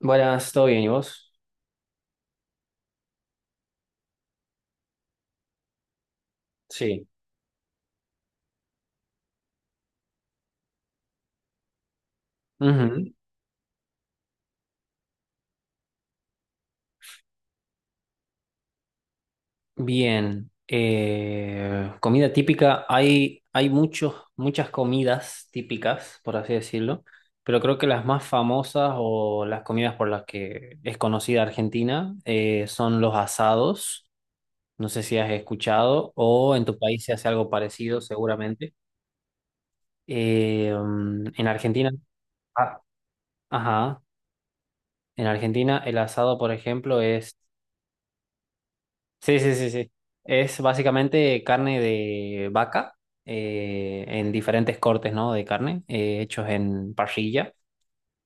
Buenas, ¿todo bien? ¿Y vos? Sí. Ujú. Bien. Comida típica, hay muchos, muchas comidas típicas, por así decirlo, pero creo que las más famosas o las comidas por las que es conocida Argentina son los asados. No sé si has escuchado o en tu país se hace algo parecido, seguramente. Eh, mm, en Argentina, ah, ajá, en Argentina el asado, por ejemplo, es... Sí, sí, sí, sí. Es básicamente carne de vaca en diferentes cortes, ¿no? De carne hechos en parrilla.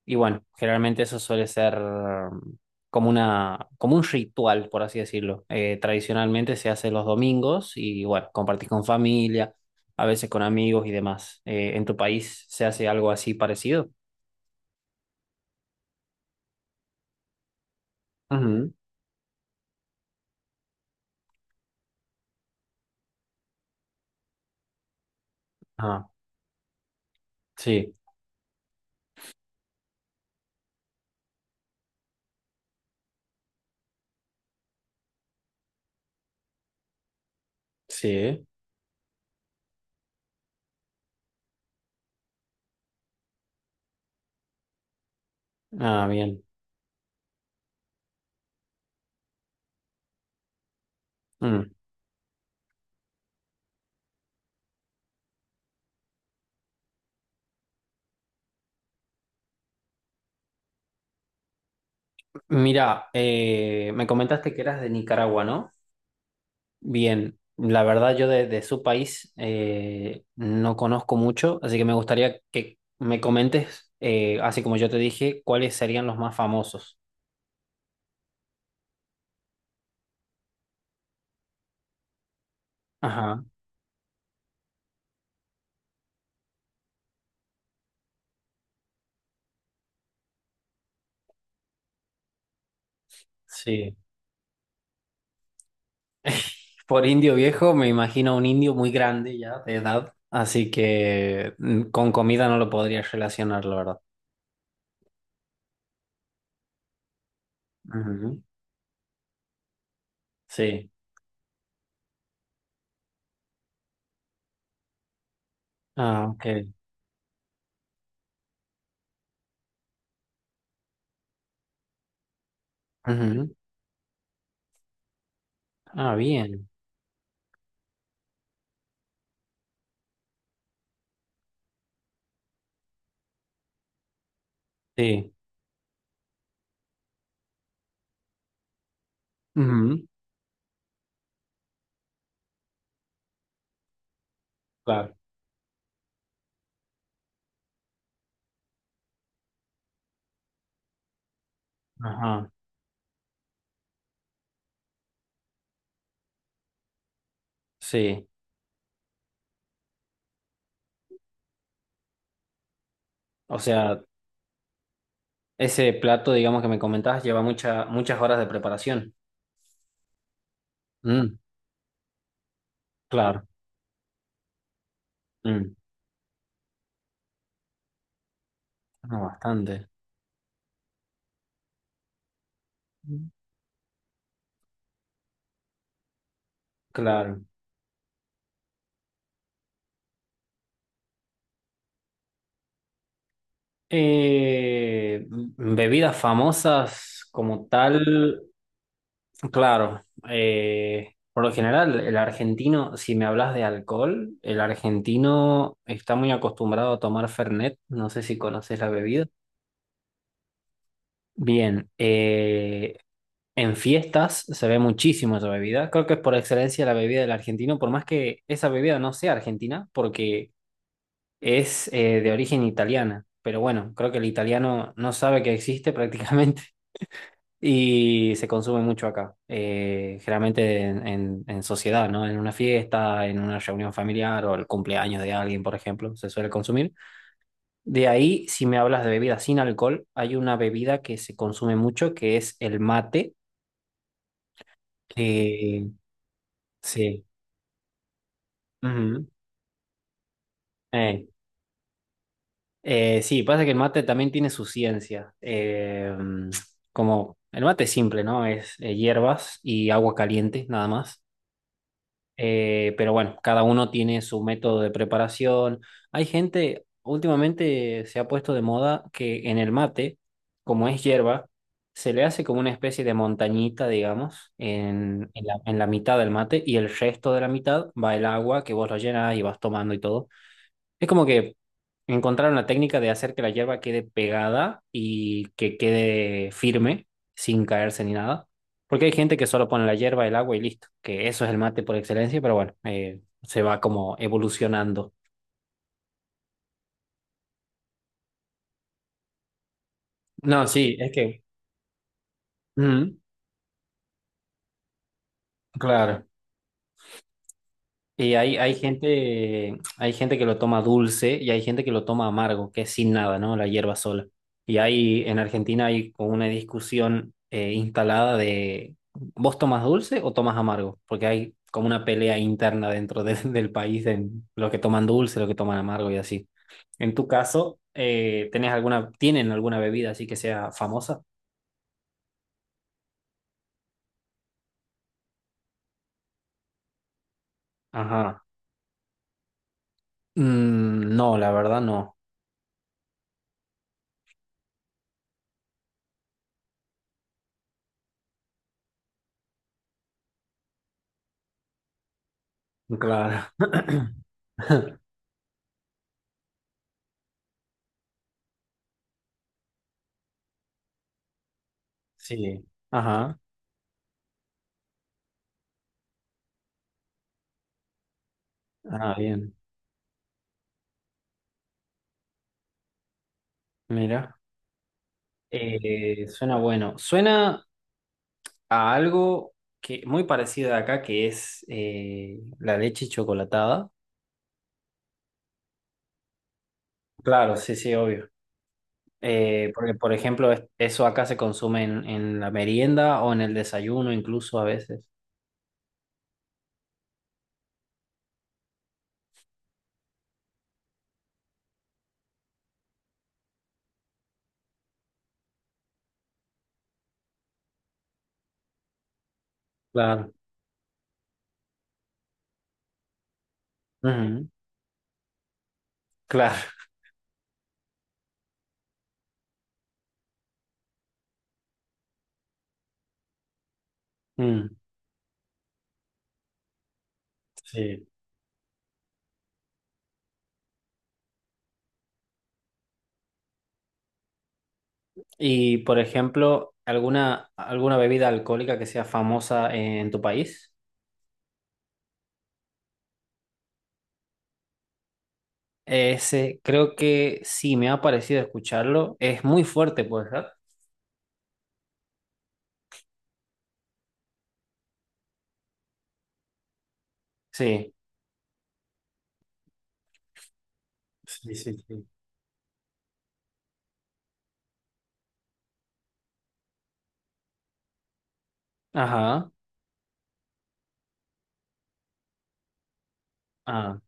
Y bueno, generalmente eso suele ser como una, como un ritual, por así decirlo. Tradicionalmente se hace los domingos y bueno, compartís con familia, a veces con amigos y demás. ¿En tu país se hace algo así parecido? Ujú. Ah, sí, sí. Ah, bien. Mm. Mira, me comentaste que eras de Nicaragua, ¿no? Bien, la verdad yo de su país no conozco mucho, así que me gustaría que me comentes, así como yo te dije, cuáles serían los más famosos. Ajá, sí. Por indio viejo me imagino un indio muy grande ya de edad, así que con comida no lo podría relacionar, la verdad. Ujú. Sí. Ah, ok. Ujú. Ah, bien. Sí. Ujú. Claro. Ajá. Sí. O sea... Ese plato, digamos, que me comentabas, lleva muchas horas de preparación. Mm, claro. Mm, no, bastante. Mm. Claro. Bebidas famosas como tal, claro. Por lo general, el argentino, si me hablas de alcohol, el argentino está muy acostumbrado a tomar Fernet. No sé si conoces la bebida. Bien, en fiestas se ve muchísimo esa bebida. Creo que es por excelencia la bebida del argentino, por más que esa bebida no sea argentina, porque es de origen italiana. Pero bueno, creo que el italiano no sabe que existe prácticamente y se consume mucho acá. Generalmente en, en sociedad, ¿no? En una fiesta, en una reunión familiar o el cumpleaños de alguien, por ejemplo, se suele consumir. De ahí, si me hablas de bebida sin alcohol, hay una bebida que se consume mucho que es el mate. Que sí. Ujú. Eh, sí, pasa que el mate también tiene su ciencia. Como el mate es simple, ¿no? Es hierbas y agua caliente, nada más. Pero bueno, cada uno tiene su método de preparación. Hay gente, últimamente se ha puesto de moda que en el mate, como es hierba, se le hace como una especie de montañita, digamos, en la mitad del mate y el resto de la mitad va el agua que vos lo llenas y vas tomando y todo. Es como que encontraron la técnica de hacer que la hierba quede pegada y que quede firme, sin caerse ni nada. Porque hay gente que solo pone la hierba, el agua y listo, que eso es el mate por excelencia, pero bueno, se va como evolucionando. No, sí, es que... Mm, claro. Y hay, hay gente que lo toma dulce y hay gente que lo toma amargo, que es sin nada, ¿no? La hierba sola. Y hay, en Argentina hay como una discusión instalada de ¿vos tomas dulce o tomas amargo? Porque hay como una pelea interna del país en los que toman dulce, los que toman amargo y así. En tu caso, ¿tenés alguna, tienen alguna bebida así que sea famosa? Ajá. Mm, no, la verdad no. Claro. Sí. Ajá. Ah, bien, mira. Suena bueno. Suena a algo que muy parecido de acá, que es la leche chocolatada. Claro, sí, sí, obvio. Porque, por ejemplo, eso acá se consume en la merienda o en el desayuno, incluso a veces. Claro. Ujú. Claro. Mm, sí. Y, por ejemplo, ¿alguna, alguna bebida alcohólica que sea famosa en tu país? Ese, creo que sí, me ha parecido escucharlo. Es muy fuerte, pues, ¿verdad? Sí. Sí, sí, sí. Ajá. Ah,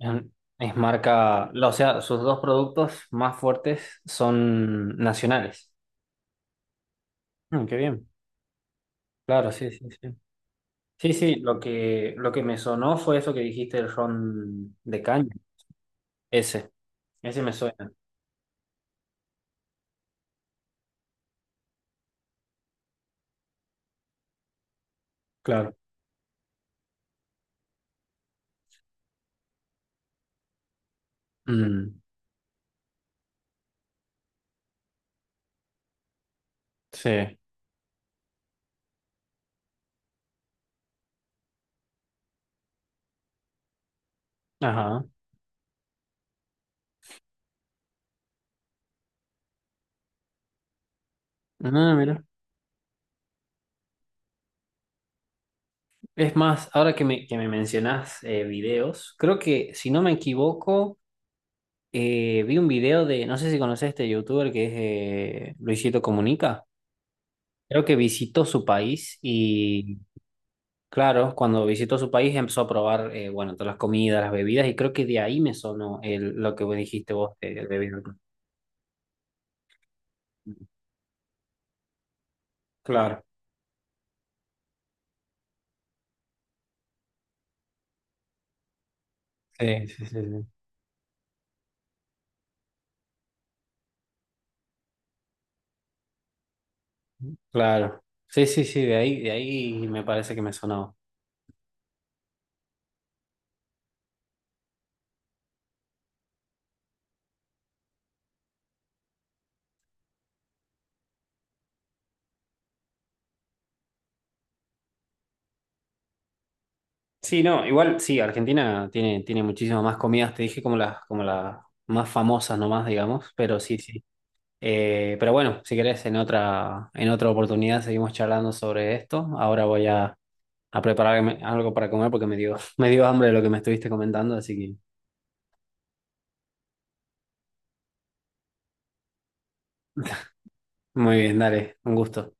em, es marca, o sea, sus dos productos más fuertes son nacionales. Mm, qué bien. Claro, sí, sí, sí. Sí, sí, lo que me sonó fue eso que dijiste, el ron de caña. Ese, ese me suena. Claro. Mm, sí. Ajá. Ah, mira. Es más, ahora que me mencionás videos, creo que si no me equivoco, vi un video de, no sé si conocés este youtuber que es Luisito Comunica, creo que visitó su país y claro, cuando visitó su país empezó a probar, bueno, todas las comidas, las bebidas y creo que de ahí me sonó el, lo que vos dijiste vos, el bebido. Claro, sí, sí, sí, sí, claro. Sí, sí, sí, de ahí me parece que me sonaba. Sí, no, igual sí, Argentina tiene, tiene muchísimas más comidas, te dije como las más famosas nomás, digamos, pero sí, sí. Pero bueno, si querés, en otra oportunidad seguimos charlando sobre esto. Ahora voy a prepararme algo para comer porque me dio, me dio hambre de lo que me estuviste comentando, así que muy bien, dale, un gusto.